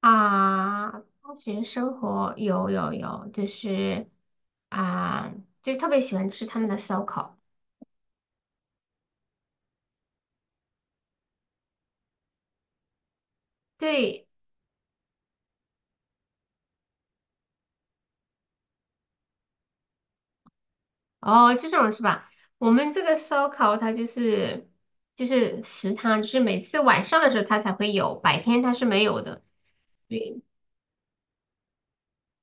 大学生活有，啊，就是特别喜欢吃他们的烧烤。对。哦，这种是吧？我们这个烧烤它就是食堂，就是每次晚上的时候它才会有，白天它是没有的。对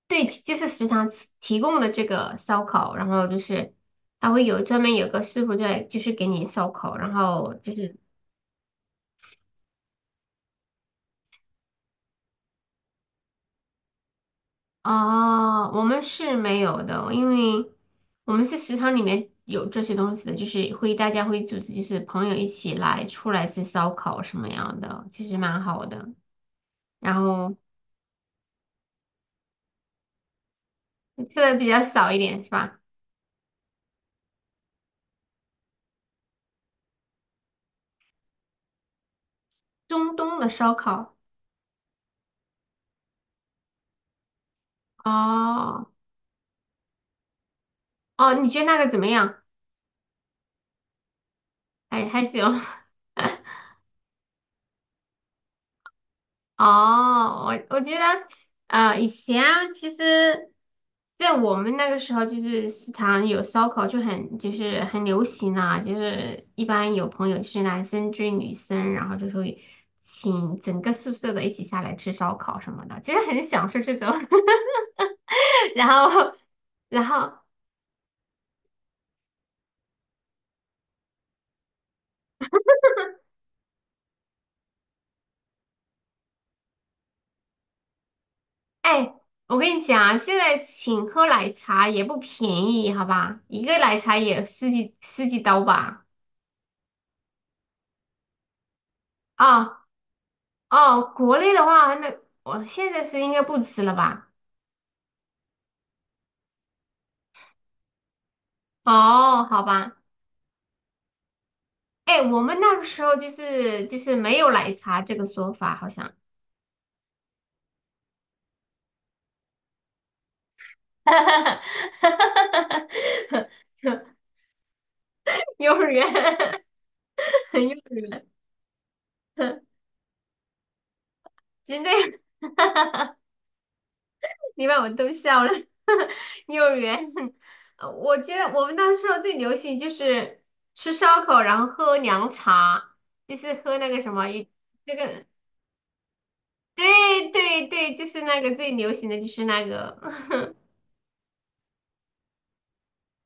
对，就是食堂提供的这个烧烤，然后就是它会有专门有个师傅在，就是给你烧烤，然后就是哦，我们是没有的，因为我们是食堂里面有这些东西的，就是会大家会组织，就是朋友一起来出来吃烧烤什么样的，其实蛮好的。然后吃的比较少一点是吧？中东的烧烤。哦哦，你觉得那个怎么样？还行。哦，我觉得，以前啊其实，在我们那个时候，就是食堂有烧烤，就是很流行啊，就是一般有朋友就是男生追女生，然后就会请整个宿舍的一起下来吃烧烤什么的，其实很享受这种。然后，然后，哎，我跟你讲啊，现在请喝奶茶也不便宜，好吧，一个奶茶也十几刀吧。啊、哦，国内的话，那我现在是应该不吃了吧？哦，好吧。哎，我们那个时候就是没有奶茶这个说法，好像。 幼儿园！幼儿园！真的。你把我逗笑了。幼儿园！我记得我们那时候最流行就是吃烧烤，然后喝凉茶，就是喝那个什么，有这个。对对对，就是那个最流行的就是那个。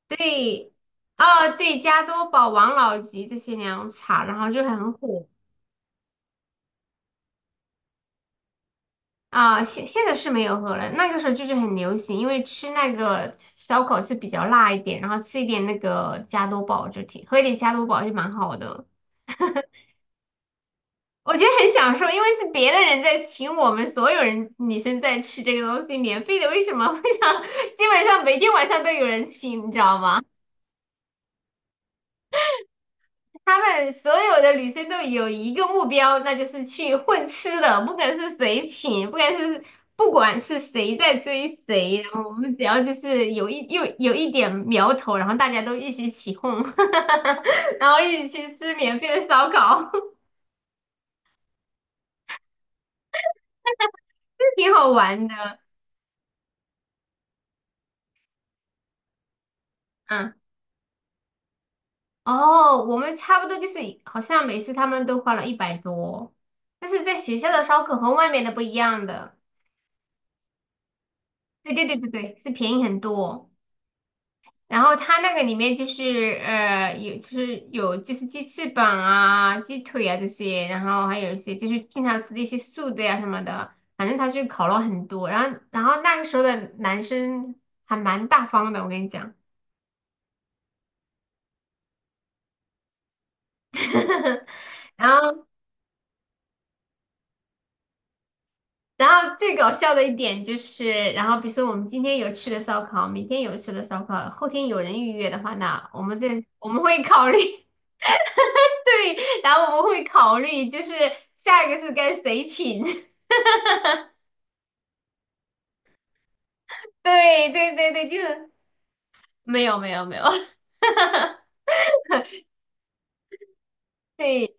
对。哦对，加多宝、王老吉这些凉茶，然后就很火啊。现在是没有喝了，那个时候就是很流行，因为吃那个烧烤是比较辣一点，然后吃一点那个加多宝就挺，喝一点加多宝就蛮好的。我觉得很享受，因为是别的人在请我们所有人女生在吃这个东西，免费的，为什么会想。 基本上每天晚上都有人请，你知道吗？他们所有的女生都有一个目标，那就是去混吃的，不管是谁请，不管是谁在追谁，然后我们只要就是有一点苗头，然后大家都一起起哄。然后一起去吃免费的烧烤。这挺好玩的。嗯，哦，我们差不多就是好像每次他们都花了100多，但是在学校的烧烤和外面的不一样的。对对对对对，是便宜很多。然后他那个里面就是呃有就是有就是鸡翅膀啊、鸡腿啊这些，然后还有一些就是经常吃的一些素的呀、什么的，反正他是烤了很多。然后那个时候的男生还蛮大方的，我跟你讲。然后然后最搞笑的一点就是，然后比如说我们今天有吃的烧烤，明天有吃的烧烤，后天有人预约的话，那我们会考虑。对，然后我们会考虑就是下一个是该谁请。对对对对，就是没有没有没有。对，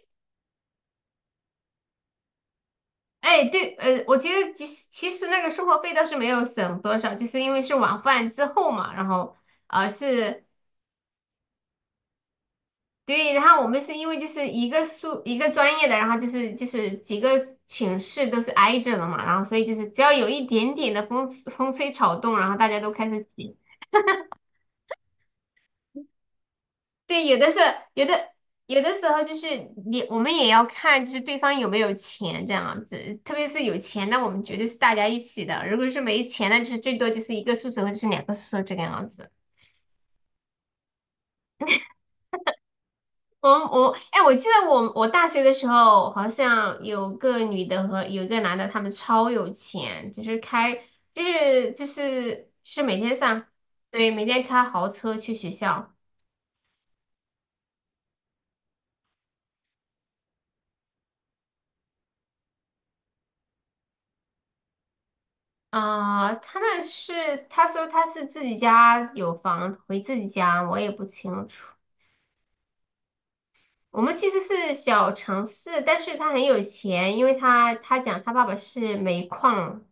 哎对，我觉得其实那个生活费倒是没有省多少，就是因为是晚饭之后嘛，然后是，对，然后我们是因为就是一个一个专业的，然后就是几个寝室都是挨着的嘛，然后所以就是只要有一点点的风吹草动，然后大家都开始起。对，有的是，有的有的时候就是我们也要看，就是对方有没有钱这样子。特别是有钱，那我们绝对是大家一起的；如果是没钱，那就是最多就是一个宿舍或者是2个宿舍这个样子。我哎，我记得我大学的时候，好像有个女的和有一个男的，他们超有钱，就是开就是就是就是每天上，对，每天开豪车去学校。他说他是自己家有房回自己家，我也不清楚。我们其实是小城市，但是他很有钱，因为他讲他爸爸是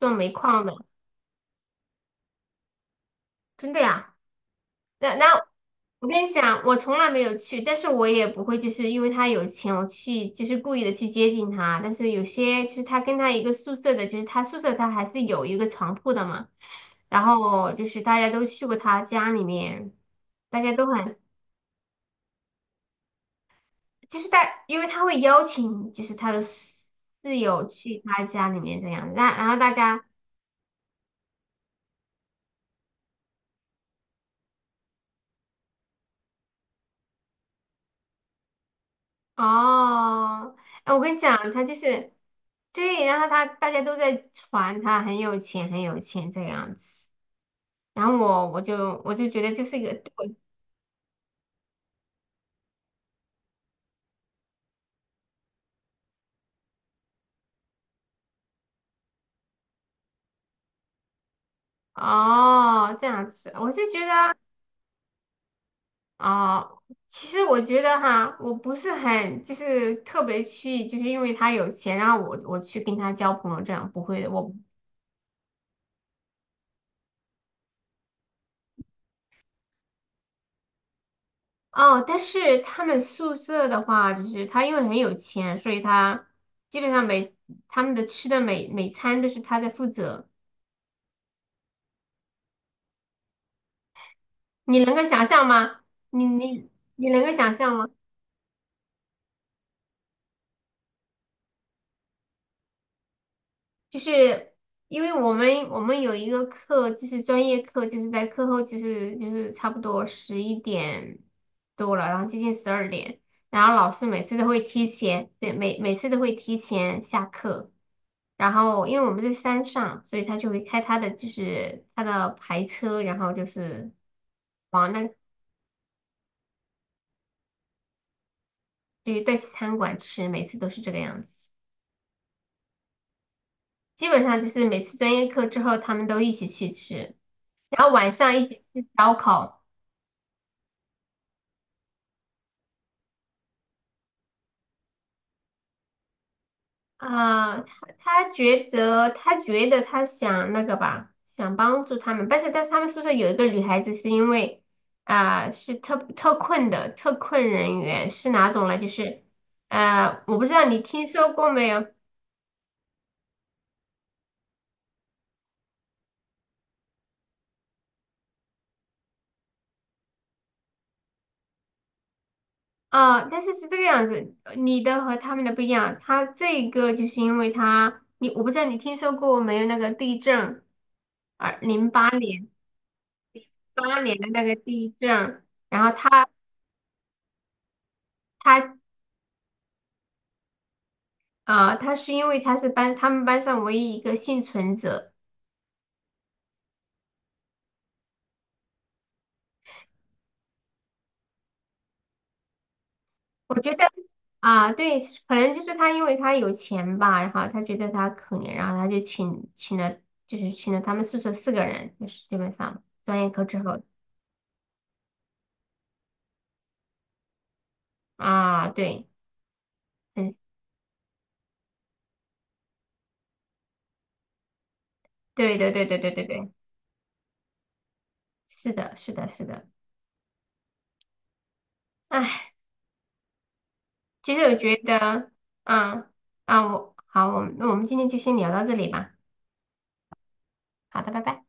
做煤矿的，真的呀。那我跟你讲，我从来没有去，但是我也不会，就是因为他有钱，我去就是故意的去接近他。但是有些就是他跟他一个宿舍的，就是他宿舍他还是有一个床铺的嘛。然后就是大家都去过他家里面，大家都很就是大，因为他会邀请就是他的室友去他家里面这样，那然后大家哦。哎，我跟你讲，他就是对，然后他大家都在传他很有钱，很有钱这样子，然后我就觉得这是一个对。哦这样子，我是觉得哦，其实我觉得哈，我不是很就是特别去就是因为他有钱，然后我去跟他交朋友这样，不会的，我哦，但是他们宿舍的话，就是他因为很有钱，所以他基本上他们的吃的每餐都是他在负责。你能够想象吗？你你你能够想象吗？就是因为我们有一个课，就是专业课，就是在课后，就是差不多11点多了，然后接近12点，然后老师每次都会提前，对，每次都会提前下课。然后因为我们在山上，所以他就会开他的牌车，然后就是往那，对对，餐馆吃，每次都是这个样子。基本上就是每次专业课之后，他们都一起去吃，然后晚上一起吃烧烤啊。他觉得他想那个吧，想帮助他们，但是他们宿舍有一个女孩子是因为是特困人员，是哪种呢？就是。我不知道你听说过没有，但是是这个样子，你的和他们的不一样。他这个就是因为他，你我不知道你听说过没有那个地震，二零八年的那个地震，然后他他是因为他是他们班上唯一一个幸存者，我觉得啊对，可能就是他因为他有钱吧，然后他觉得他可怜，然后他就请了他们宿舍4个人，就是基本上专业课之后啊对，很对对对对对对对。是的，是的，是的。哎，其实我觉得，嗯，我们今天就先聊到这里吧。好的，拜拜。